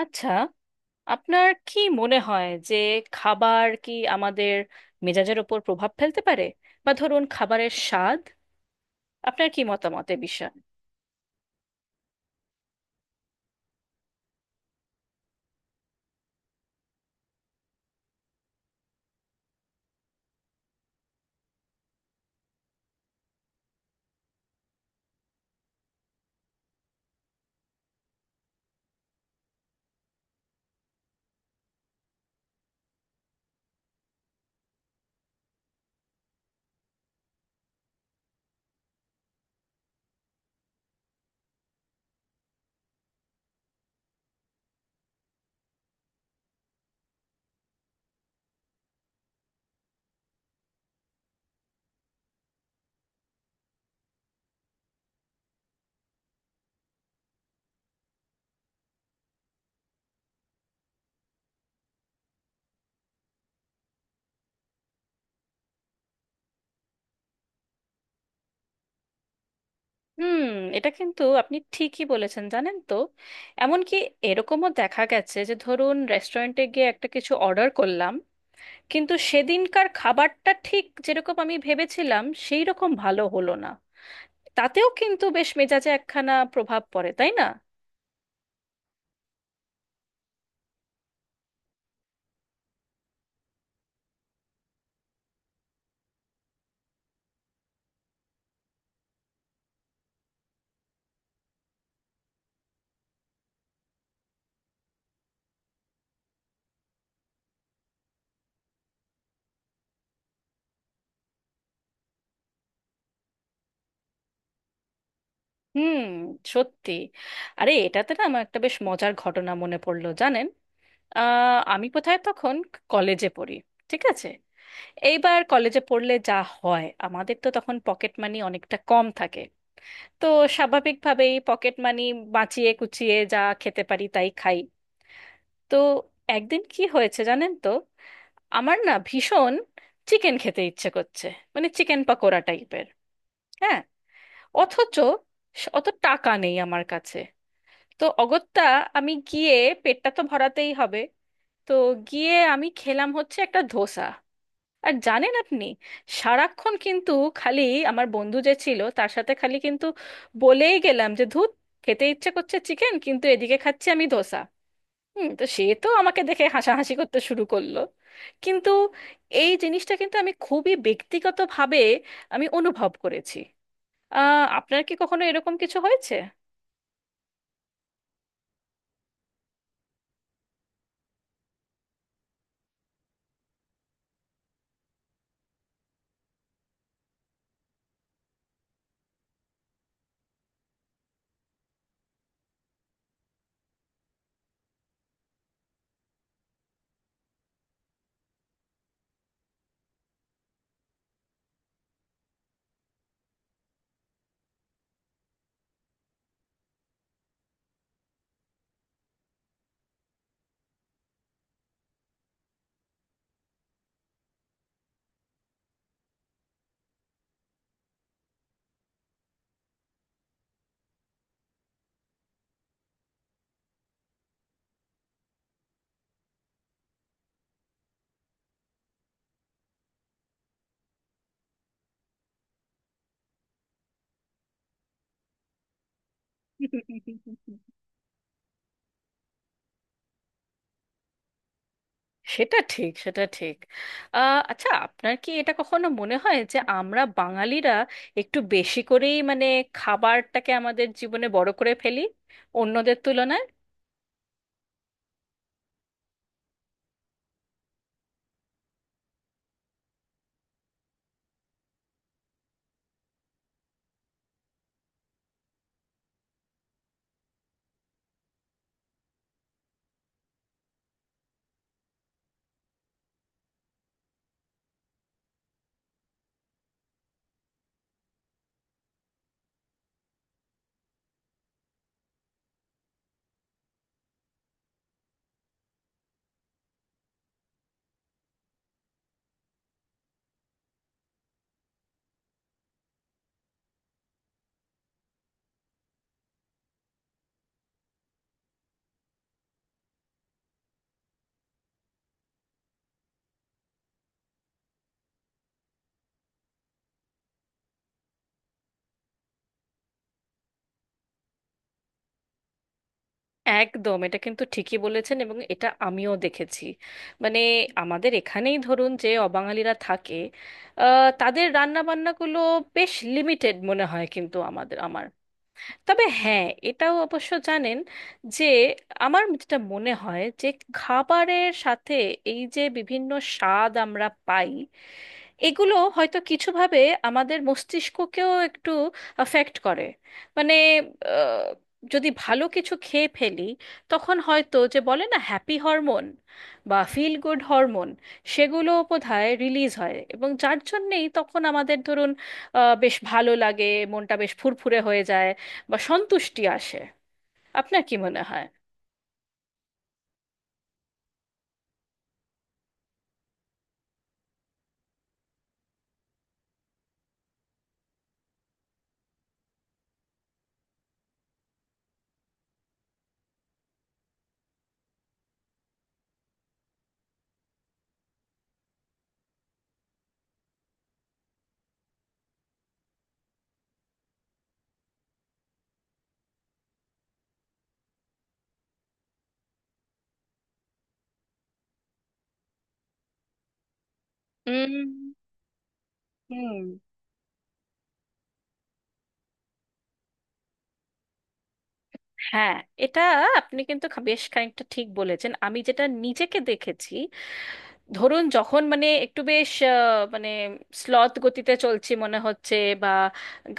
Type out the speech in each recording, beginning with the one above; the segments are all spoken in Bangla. আচ্ছা, আপনার কি মনে হয় যে খাবার কি আমাদের মেজাজের ওপর প্রভাব ফেলতে পারে? বা ধরুন খাবারের স্বাদ। আপনার কি মতামত এ বিষয়ে? হুম। এটা কিন্তু আপনি ঠিকই বলেছেন, জানেন তো। এমনকি এরকমও দেখা গেছে যে ধরুন রেস্টুরেন্টে গিয়ে একটা কিছু অর্ডার করলাম, কিন্তু সেদিনকার খাবারটা ঠিক যেরকম আমি ভেবেছিলাম সেই রকম ভালো হলো না। তাতেও কিন্তু বেশ মেজাজে একখানা প্রভাব পড়ে, তাই না? হুম। সত্যি। আরে এটাতে না আমার একটা বেশ মজার ঘটনা মনে পড়লো, জানেন। আমি কোথায় তখন, কলেজে পড়ি। ঠিক আছে। এইবার কলেজে পড়লে যা হয়, আমাদের তো তখন পকেট মানি অনেকটা কম থাকে। তো স্বাভাবিকভাবেই পকেট মানি বাঁচিয়ে কুচিয়ে যা খেতে পারি তাই খাই। তো একদিন কি হয়েছে জানেন তো, আমার না ভীষণ চিকেন খেতে ইচ্ছে করছে, মানে চিকেন পাকোড়া টাইপের। হ্যাঁ, অথচ অত টাকা নেই আমার কাছে। তো অগত্যা আমি গিয়ে, পেটটা তো ভরাতেই হবে, তো গিয়ে আমি খেলাম হচ্ছে একটা ধোসা। আর জানেন আপনি, সারাক্ষণ কিন্তু খালি আমার বন্ধু যে ছিল তার সাথে খালি কিন্তু বলেই গেলাম যে, ধুত, খেতে ইচ্ছে করছে চিকেন কিন্তু এদিকে খাচ্ছি আমি ধোসা। হুম। তো সে তো আমাকে দেখে হাসাহাসি করতে শুরু করলো। কিন্তু এই জিনিসটা কিন্তু আমি খুবই ব্যক্তিগতভাবে, আমি অনুভব করেছি। আপনার কি কখনো এরকম কিছু হয়েছে? সেটা ঠিক, সেটা ঠিক। আচ্ছা, আপনার কি এটা কখনো মনে হয় যে আমরা বাঙালিরা একটু বেশি করেই, মানে খাবারটাকে আমাদের জীবনে বড় করে ফেলি অন্যদের তুলনায়? একদম। এটা কিন্তু ঠিকই বলেছেন, এবং এটা আমিও দেখেছি। মানে আমাদের এখানেই ধরুন যে অবাঙালিরা থাকে, তাদের রান্নাবান্নাগুলো বেশ লিমিটেড মনে হয় কিন্তু, আমাদের, আমার। তবে হ্যাঁ, এটাও অবশ্য জানেন, যে আমার যেটা মনে হয় যে খাবারের সাথে এই যে বিভিন্ন স্বাদ আমরা পাই, এগুলো হয়তো কিছুভাবে আমাদের মস্তিষ্ককেও একটু অ্যাফেক্ট করে। মানে আহ, যদি ভালো কিছু খেয়ে ফেলি, তখন হয়তো যে বলে না, হ্যাপি হরমোন বা ফিল গুড হরমোন, সেগুলো বোধহয় রিলিজ হয়, এবং যার জন্যেই তখন আমাদের ধরুন বেশ ভালো লাগে, মনটা বেশ ফুরফুরে হয়ে যায়, বা সন্তুষ্টি আসে। আপনার কি মনে হয়? উম। হুম। হ্যাঁ, এটা আপনি কিন্তু বেশ খানিকটা ঠিক বলেছেন। আমি যেটা নিজেকে দেখেছি, ধরুন যখন মানে একটু বেশ, মানে স্লথ গতিতে চলছি মনে হচ্ছে, বা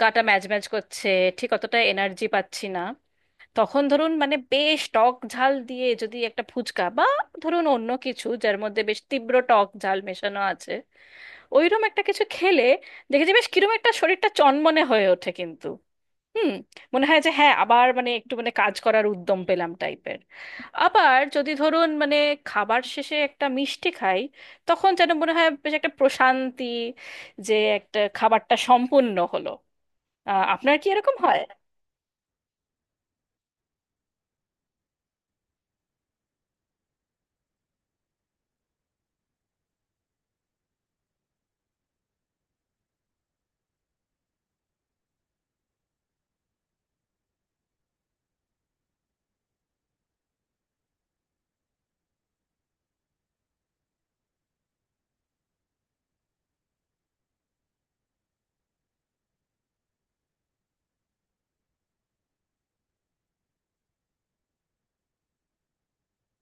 গাটা ম্যাজ ম্যাজ করছে, ঠিক অতটা এনার্জি পাচ্ছি না, তখন ধরুন মানে বেশ টক ঝাল দিয়ে যদি একটা ফুচকা, বা ধরুন অন্য কিছু যার মধ্যে বেশ তীব্র টক ঝাল মেশানো আছে, ওইরকম একটা কিছু খেলে দেখেছি বেশ কিরম একটা শরীরটা চনমনে হয়ে ওঠে কিন্তু। হুম। মনে হয় যে হ্যাঁ আবার মানে একটু মানে কাজ করার উদ্যম পেলাম টাইপের। আবার যদি ধরুন মানে খাবার শেষে একটা মিষ্টি খাই, তখন যেন মনে হয় বেশ একটা প্রশান্তি, যে একটা খাবারটা সম্পূর্ণ হলো। আপনার কি এরকম হয়?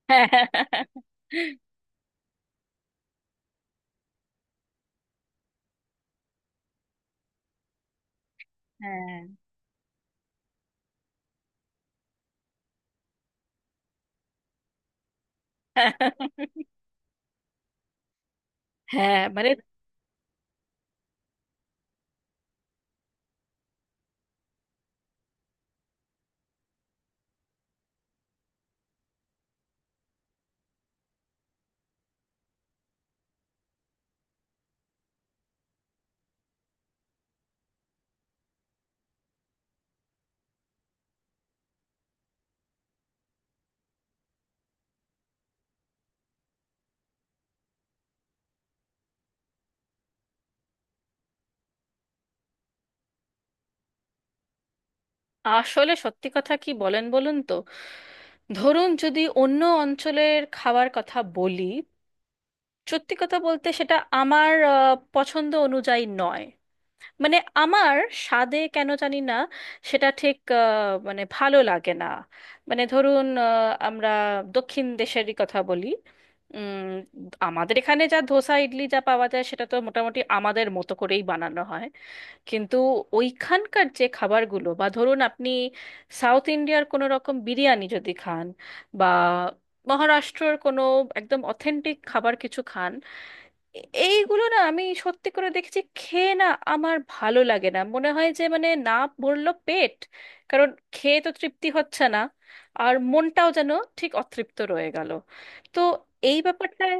হ্যাঁ, হ্যাঁ, হ্যাঁ। মানে আসলে, সত্যি কথা কি, বলেন বলুন তো, ধরুন যদি অন্য অঞ্চলের খাবার কথা বলি, সত্যি কথা বলতে সেটা আমার পছন্দ অনুযায়ী নয়। মানে আমার স্বাদে কেন জানি না সেটা ঠিক মানে ভালো লাগে না। মানে ধরুন আমরা দক্ষিণ দেশেরই কথা বলি। উম, আমাদের এখানে যা ধোসা ইডলি যা পাওয়া যায় সেটা তো মোটামুটি আমাদের মতো করেই বানানো হয়। কিন্তু ওইখানকার যে খাবারগুলো, বা ধরুন আপনি সাউথ ইন্ডিয়ার কোনো রকম বিরিয়ানি যদি খান, বা মহারাষ্ট্রর কোনো একদম অথেন্টিক খাবার কিছু খান, এইগুলো না আমি সত্যি করে দেখেছি খেয়ে না, আমার ভালো লাগে না। মনে হয় যে মানে না, ভরলো পেট, কারণ খেয়ে তো তৃপ্তি হচ্ছে না, আর মনটাও যেন ঠিক অতৃপ্ত রয়ে গেল। তো এই ব্যাপারটায়।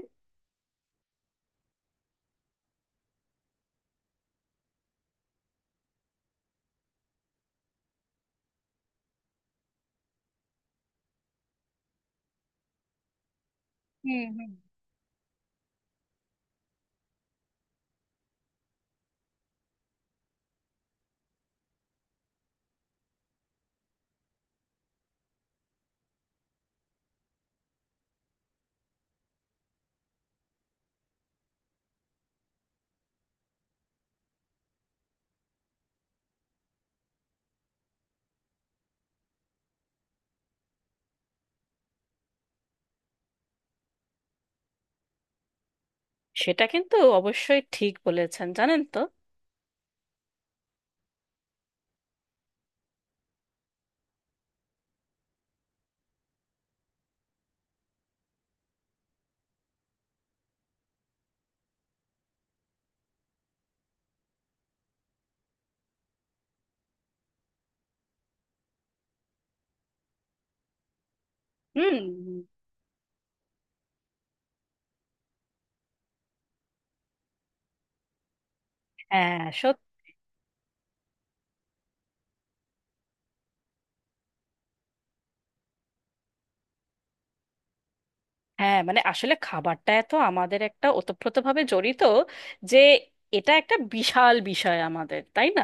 হুম, হুম। সেটা কিন্তু অবশ্যই ঠিক বলেছেন, জানেন তো। হুম। হ্যাঁ, সত্যি। হ্যাঁ, মানে আসলে খাবারটা এত আমাদের একটা ওতপ্রোতভাবে জড়িত, যে এটা একটা বিশাল বিষয় আমাদের, তাই না?